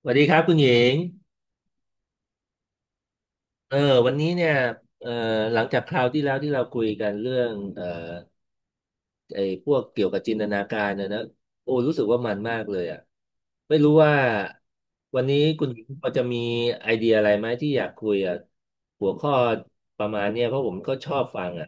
สวัสดีครับคุณหญิงเออวันนี้เนี่ยเออหลังจากคราวที่แล้วที่เราคุยกันเรื่องไอ้พวกเกี่ยวกับจินตนาการนะโอ้รู้สึกว่ามันมากเลยอ่ะไม่รู้ว่าวันนี้คุณหญิงพอจะมีไอเดียอะไรไหมที่อยากคุยอ่ะหัวข้อประมาณเนี้ยเพราะผมก็ชอบฟังอ่ะ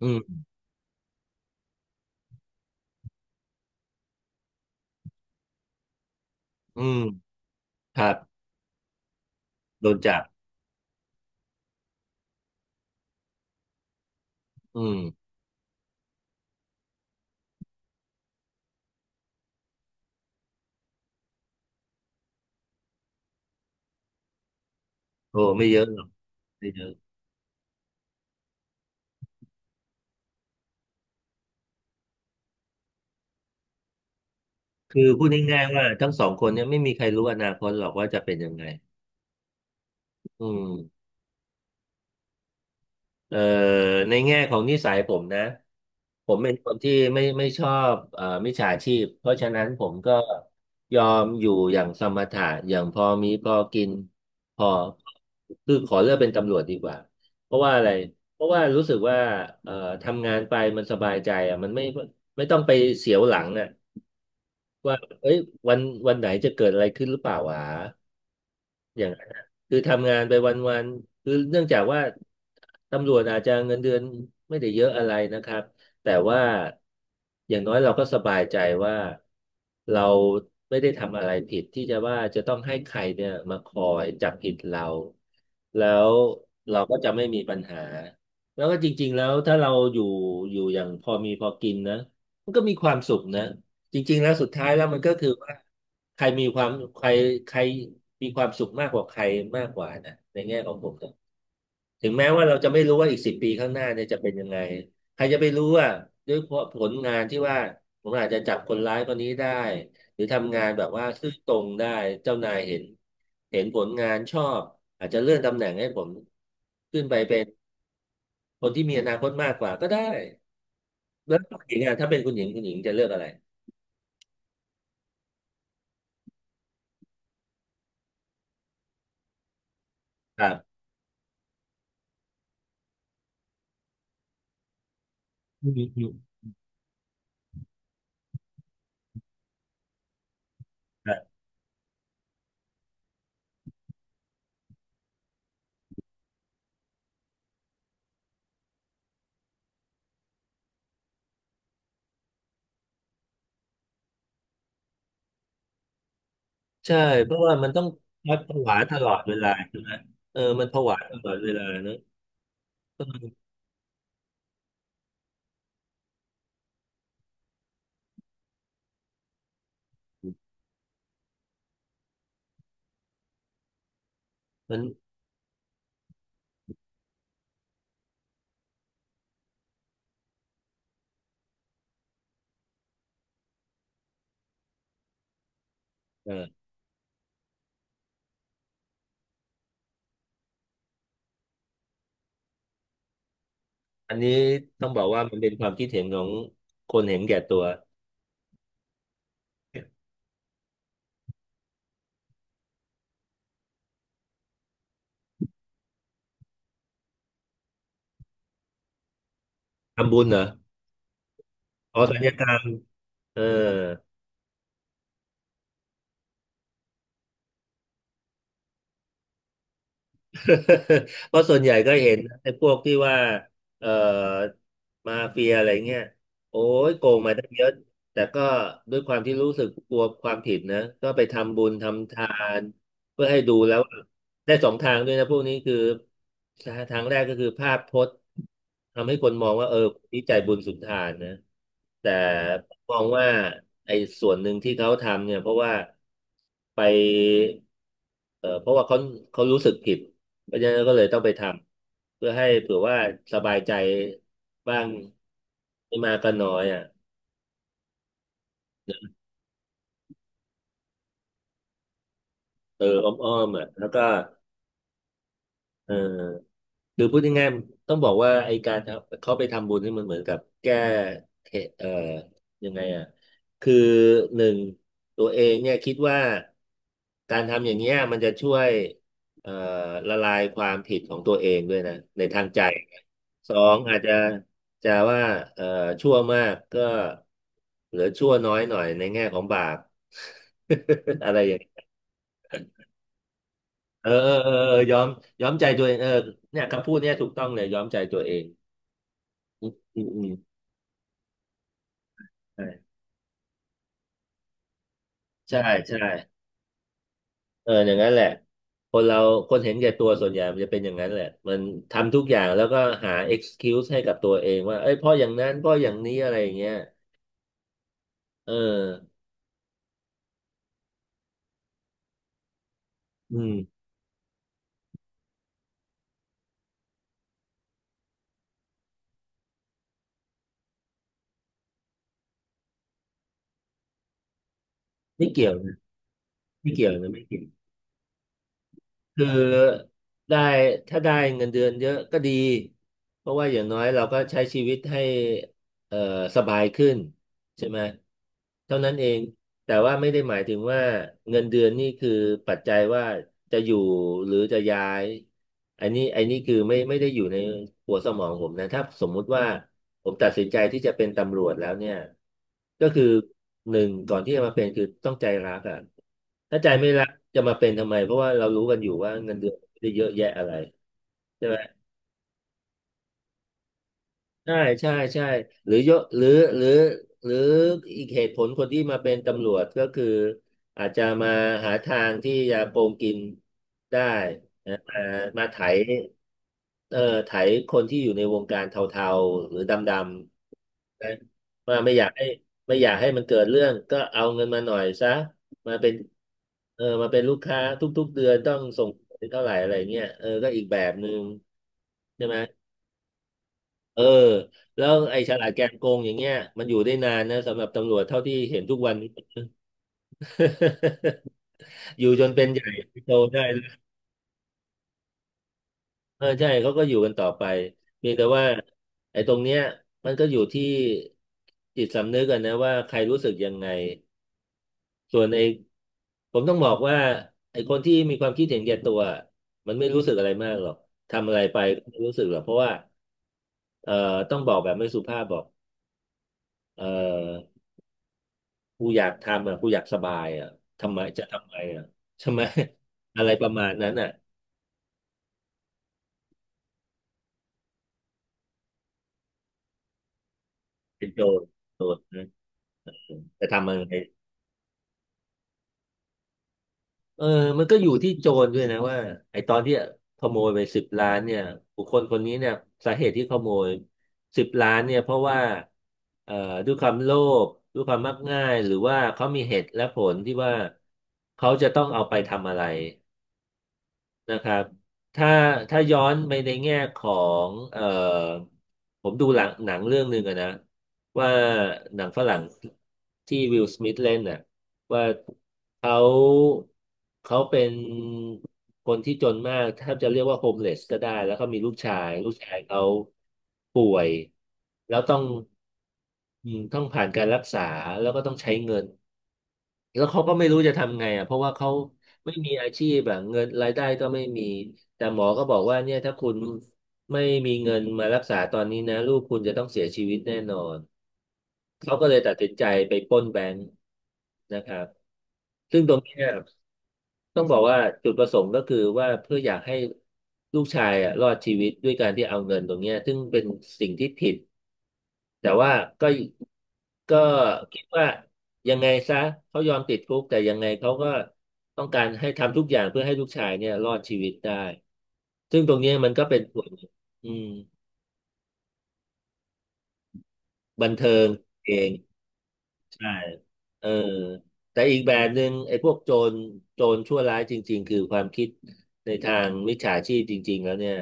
อืมอืมครับโดนจับอืมโอ้ไม่เยอะหรอกไม่เยอะคือพูดง่ายๆว่าทั้งสองคนเนี่ยไม่มีใครรู้อนาคตหรอกว่าจะเป็นยังไงอืม เอ่อในแง่ของนิสัยผมนะผมเป็นคนที่ไม่ชอบมิจฉาชีพเพราะฉะนั้นผมก็ยอมอยู่อย่างสมถะอย่างพอมีพอกินพอคือขอเลือกเป็นตำรวจดีกว่าเพราะว่าอะไรเพราะว่ารู้สึกว่าเอ่อทำงานไปมันสบายใจอ่ะมันไม่ต้องไปเสียวหลังอ่ะว่าเอ้ยวันวันไหนจะเกิดอะไรขึ้นหรือเปล่าวะ อย่างนั้นนะคือทำงานไปวันๆคือเนื่องจากว่าตำรวจอาจจะเงินเดือนไม่ได้เยอะอะไรนะครับแต่ว่าอย่างน้อยเราก็สบายใจว่าเราไม่ได้ทำอะไรผิดที่จะว่าจะต้องให้ใครเนี่ยมาคอยจับผิดเราแล้วเราก็จะไม่มีปัญหาแล้วก็จริงๆแล้วถ้าเราอยู่อย่างพอมีพอกินนะมันก็มีความสุขนะ จริงๆแล้วสุดท้ายแล้วมันก็คือว่าใครมีความใครใครมีความสุขมากกว่าใครมากกว่านะในแง่ของผมนะถึงแม้ว่าเราจะไม่รู้ว่าอีก10 ปีข้างหน้าเนี่ยจะเป็นยังไงใครจะไปรู้ว่าด้วยเพราะผลงานที่ว่าผมอาจจะจับคนร้ายคนนี้ได้หรือทำงานแบบว่าซื่อตรงได้เจ้านายเห็นผลงานชอบอาจจะเลื่อนตำแหน่งให้ผมขึ้นไปเป็นคนที่มีอนาคตมากกว่าก็ได้แล้วคุณหญิงอ่ะถ้าเป็นคุณหญิงคุณหญิงจะเลือกอะไรครับอืมอืม ใช่เพราะว่ามันต้องวัดผวาตลอดเวลาใช่ไหมเออมันผวาตลอดเวลาเนอะก็มันเอออันนี้ต้องบอกว่ามันเป็นความคิดเห็นของคนเห็นแก่ตัวทำบุญเหรออ๋อสัญญากรรมเออ เพราะส่วนใหญ่ก็เห็นไอ้พวกที่ว่าเอ่อมาเฟียอะไรเงี้ยโอ้ยโกงมาตั้งเยอะแต่ก็ด้วยความที่รู้สึกกลัวความผิดนะก็ไปทำบุญทำทานเพื่อให้ดูแล้วว่าได้สองทางด้วยนะพวกนี้คือทางแรกก็คือภาพพจน์ทำให้คนมองว่าเออคนนี้ใจบุญสุนทานนะแต่มองว่าไอ้ส่วนหนึ่งที่เขาทำเนี่ยเพราะว่าไปเออเพราะว่าเขารู้สึกผิด เพราะฉะนั้นก็เลยต้องไปทำเพื่อให้เผื่อว่าสบายใจบ้างไม่มากก็น้อยอ่ะเอออ้อมๆอ่ะแล้วก็เออ หรือพูดง่ายๆต้องบอกว่าไอการทำเขาไปทำบุญนี่มันเหมือนกับแก้เทเอ่อยังไงอ่ะคือหนึ่งตัวเองเนี่ยคิดว่าการทำอย่างเงี้ยมันจะช่วยเอ่อละลายความผิดของตัวเองด้วยนะในทางใจสองอาจจะจะว่าเอ่อชั่วมากก็เหลือชั่วน้อยหน่อยในแง่ของบาป อะไรอย่างเงี้ยเออยอมใจตัวเองเออเนี่ยคำพูดเนี่ยถูกต้องเลยยอมใจตัวเอง อืมอืมใช่ใช่ใช่เอออย่างนั้นแหละคนเราคนเห็นแก่ตัวส่วนใหญ่มันจะเป็นอย่างนั้นแหละมันทำทุกอย่างแล้วก็หา excuse ให้กับตัวเองว่าเอ้ยเพราะอย่างนั้นเพราะอย่างนี้อะไรอย่างเงี้ยเอออืมไม่เกี่ยวนะไม่เกี่ยวคือได้ถ้าได้เงินเดือนเยอะก็ดีเพราะว่าอย่างน้อยเราก็ใช้ชีวิตให้เอ่อสบายขึ้น ใช่ไหมเท่านั้นเองแต่ว่าไม่ได้หมายถึงว่าเงินเดือนนี่คือปัจจัยว่าจะอยู่หรือจะย้ายอันนี้คือไม่ได้อยู่ในหัวสมองผมนะถ้าสมมุติว่าผมตัดสินใจที่จะเป็นตำรวจแล้วเนี่ยก็คือหนึ่งก่อนที่จะมาเป็นคือต้องใจรักอ่ะถ้าใจไม่รักจะมาเป็นทำไมเพราะว่าเรารู้กันอยู่ว่าเงินเดือนไม่ได้เยอะแยะอะไรใช่ไหม ใช่ใช่ใช่หรือยกหรือหรือหรืออีกเหตุผลคนที่มาเป็นตำรวจก็คืออาจจะมาหาทางที่จะโกงกินได้นะมามาไถเอ่อไถคนที่อยู่ในวงการเทาๆหรือดำๆนะมาไม่อยากให้ไม่อยากให้มันเกิดเรื่องก็เอาเงินมาหน่อยซะมาเป็นเออมาเป็นลูกค้าทุกๆเดือนต้องส่งเท่าไหร่อะไรเงี้ยเออก็อีกแบบหนึ่งใช่ไหม เออแล้วไอ้ฉลาดแกมโกงอย่างเงี้ยมันอยู่ได้นานนะสำหรับตำรวจเท่าที่เห็นทุกวันนี้ อยู่จนเป็นใหญ่โตได้เลยเออใช่เขาก็อยู่กันต่อไปเพียงแต่ว่าไอ้ตรงเนี้ยมันก็อยู่ที่จิตสำนึกกันนะว่าใครรู้สึกยังไงส่วนไอ้ผมต้องบอกว่าไอ้คนที่มีความคิดเห็นแก่ตัวมันไม่รู้สึกอะไรมากหรอกทำอะไรไปก็ไม่รู้สึกหรอกเพราะว่าเอ่อต้องบอกแบบไม่สุภาพบอกเอ่อ กูอยากทำอ่ะกูอยากสบายอ่ะทำไมจะทำไมอ่ะใช่ไหม อะไรประมาณนั้นอ่ะเป็นโจรโจรนะจะทำอะไรเออมันก็อยู่ที่โจรด้วยนะว่าไอ้ตอนที่ขโมยไปสิบล้านเนี่ยบุคคลคนนี้เนี่ยสาเหตุที่ขโมยสิบล้านเนี่ยเพราะว่าเอ่อด้วยความโลภด้วยความมักง่ายหรือว่าเขามีเหตุและผลที่ว่าเขาจะต้องเอาไปทำอะไร นะครับถ้าถ้าย้อนไปในแง่ของผมดูหลังหนังเรื่องหนึ่งอะนะว่าหนังฝรั่งที่วิลสมิธเล่นน่ะว่าเขาเขาเป็นคนที่จนมากแทบจะเรียกว่าโฮมเลสก็ได้แล้วเขามีลูกชายลูกชายเขาป่วยแล้วต้องอืมต้องผ่านการรักษาแล้วก็ต้องใช้เงิน แล้วเขาก็ไม่รู้จะทำไงอ่ะเพราะว่าเขาไม่มีอาชีพแบบเงินรายได้ก็ไม่มีแต่หมอก็บอกว่าเนี่ยถ้าคุณไม่มีเงินมารักษาตอนนี้นะลูกคุณจะต้องเสียชีวิตแน่นอนเขาก็เลยตัดสินใจไปปล้นแบงค์นะครับซึ่งตรงเนี้ยต้องบอกว่าจุดประสงค์ก็คือว่าเพื่ออยากให้ลูกชายอ่ะรอดชีวิตด้วยการที่เอาเงินตรงเนี้ยซึ่งเป็นสิ่งที่ผิด แต่ว่าก็ก็คิดว่ายังไงซะเขายอมติดคุกแต่ยังไงเขาก็ต้องการให้ทำทุกอย่างเพื่อให้ลูกชายเนี่ยรอดชีวิตได้ซึ่งตรงเนี้ยมันก็เป็นส่วนหนึ่งอืมบันเทิงเอง ใช่เออแต่อีกแบบหนึ่งไอ้พวกโจรโจรชั่วร้ายจริงๆ คือความคิดในทางมิจฉาชีพจริงๆแล้วเนี่ย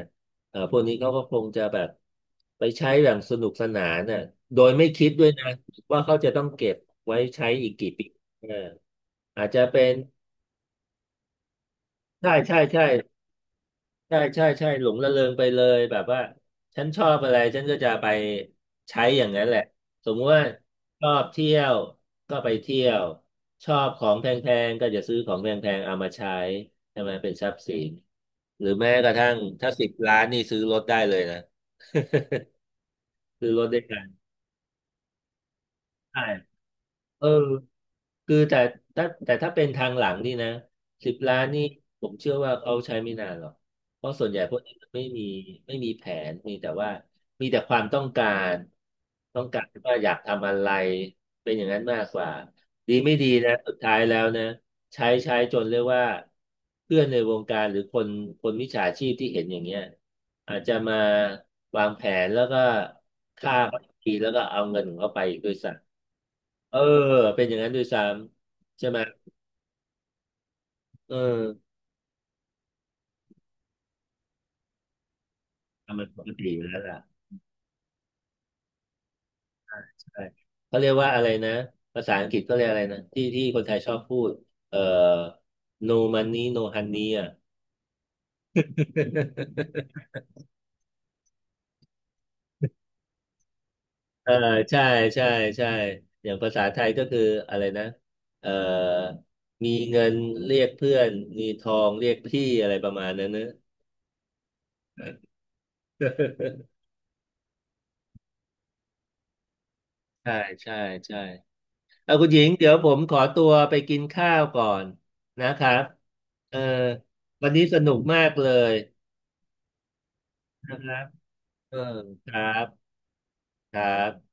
เออพวกนี้เขาก็คงจะแบบไปใช้อย่างสนุกสนานน่ะโดยไม่คิดด้วยนะว่าเขาจะต้องเก็บไว้ใช้อีกกี่ปีเอออาจจะเป็น ใช่ใช่ใช่ ใช่ใช่ใช่หลงระเริงไปเลยแบบว่าฉันชอบอะไรฉันก็จะไปใช้อย่างนั้นแหละสมมติว่าชอบเที่ยวก็ไปเที่ยวชอบของแพงๆก็จะซื้อของแพงๆเอามาใช้ใช่ไหมเป็นทรัพย์สินหรือแม้กระทั่งถ้าสิบล้านนี่ซื้อรถได้เลยนะ ซื้อรถได้กันใช่ เออคือแต่แต่ถ้าเป็นทางหลังนี่นะสิบล้านนี่ผมเชื่อว่าเขาใช้ไม่นานหรอกเพราะส่วนใหญ่พวกนี้มันไม่มีไม่มีแผนมีแต่ว่ามีแต่ความต้องการต้องการว่าอยากทำอะไรเป็นอย่างนั้นมากกว่าดีไม่ดีนะสุดท้ายแล้วนะใช้จนเรียกว่าเพื่อนในวงการหรือคนมิจฉาชีพที่เห็นอย่างเงี้ยอาจจะมาวางแผนแล้วก็ฆ่าเขาอีกทีแล้วก็เอาเงินของเขาไปอีกด้วยซ้ำ เออเป็นอย่างนั้นด้วยซ้ำใช่ไหมเออทำมันปกติอยู่แล้วล่ะใช่เขาเรียกว่าอะไรนะภาษาอังกฤษเขาเรียกอะไรนะที่คนไทยชอบพูดเอ่อ no money no honey อ่ะ เออใช่ใช่ใช่อย่างภาษาไทยก็คืออะไรนะเออมีเงินเรียกเพื่อนมีทองเรียกพี่อะไรประมาณนั้นเนอะ ใช่ใช่ใช่ เอาคุณหญิงเดี๋ยวผมขอตัวไปกินข้าวก่อนนะครับเออวันนี้สนุกมากเลยนะครับเออครับครับ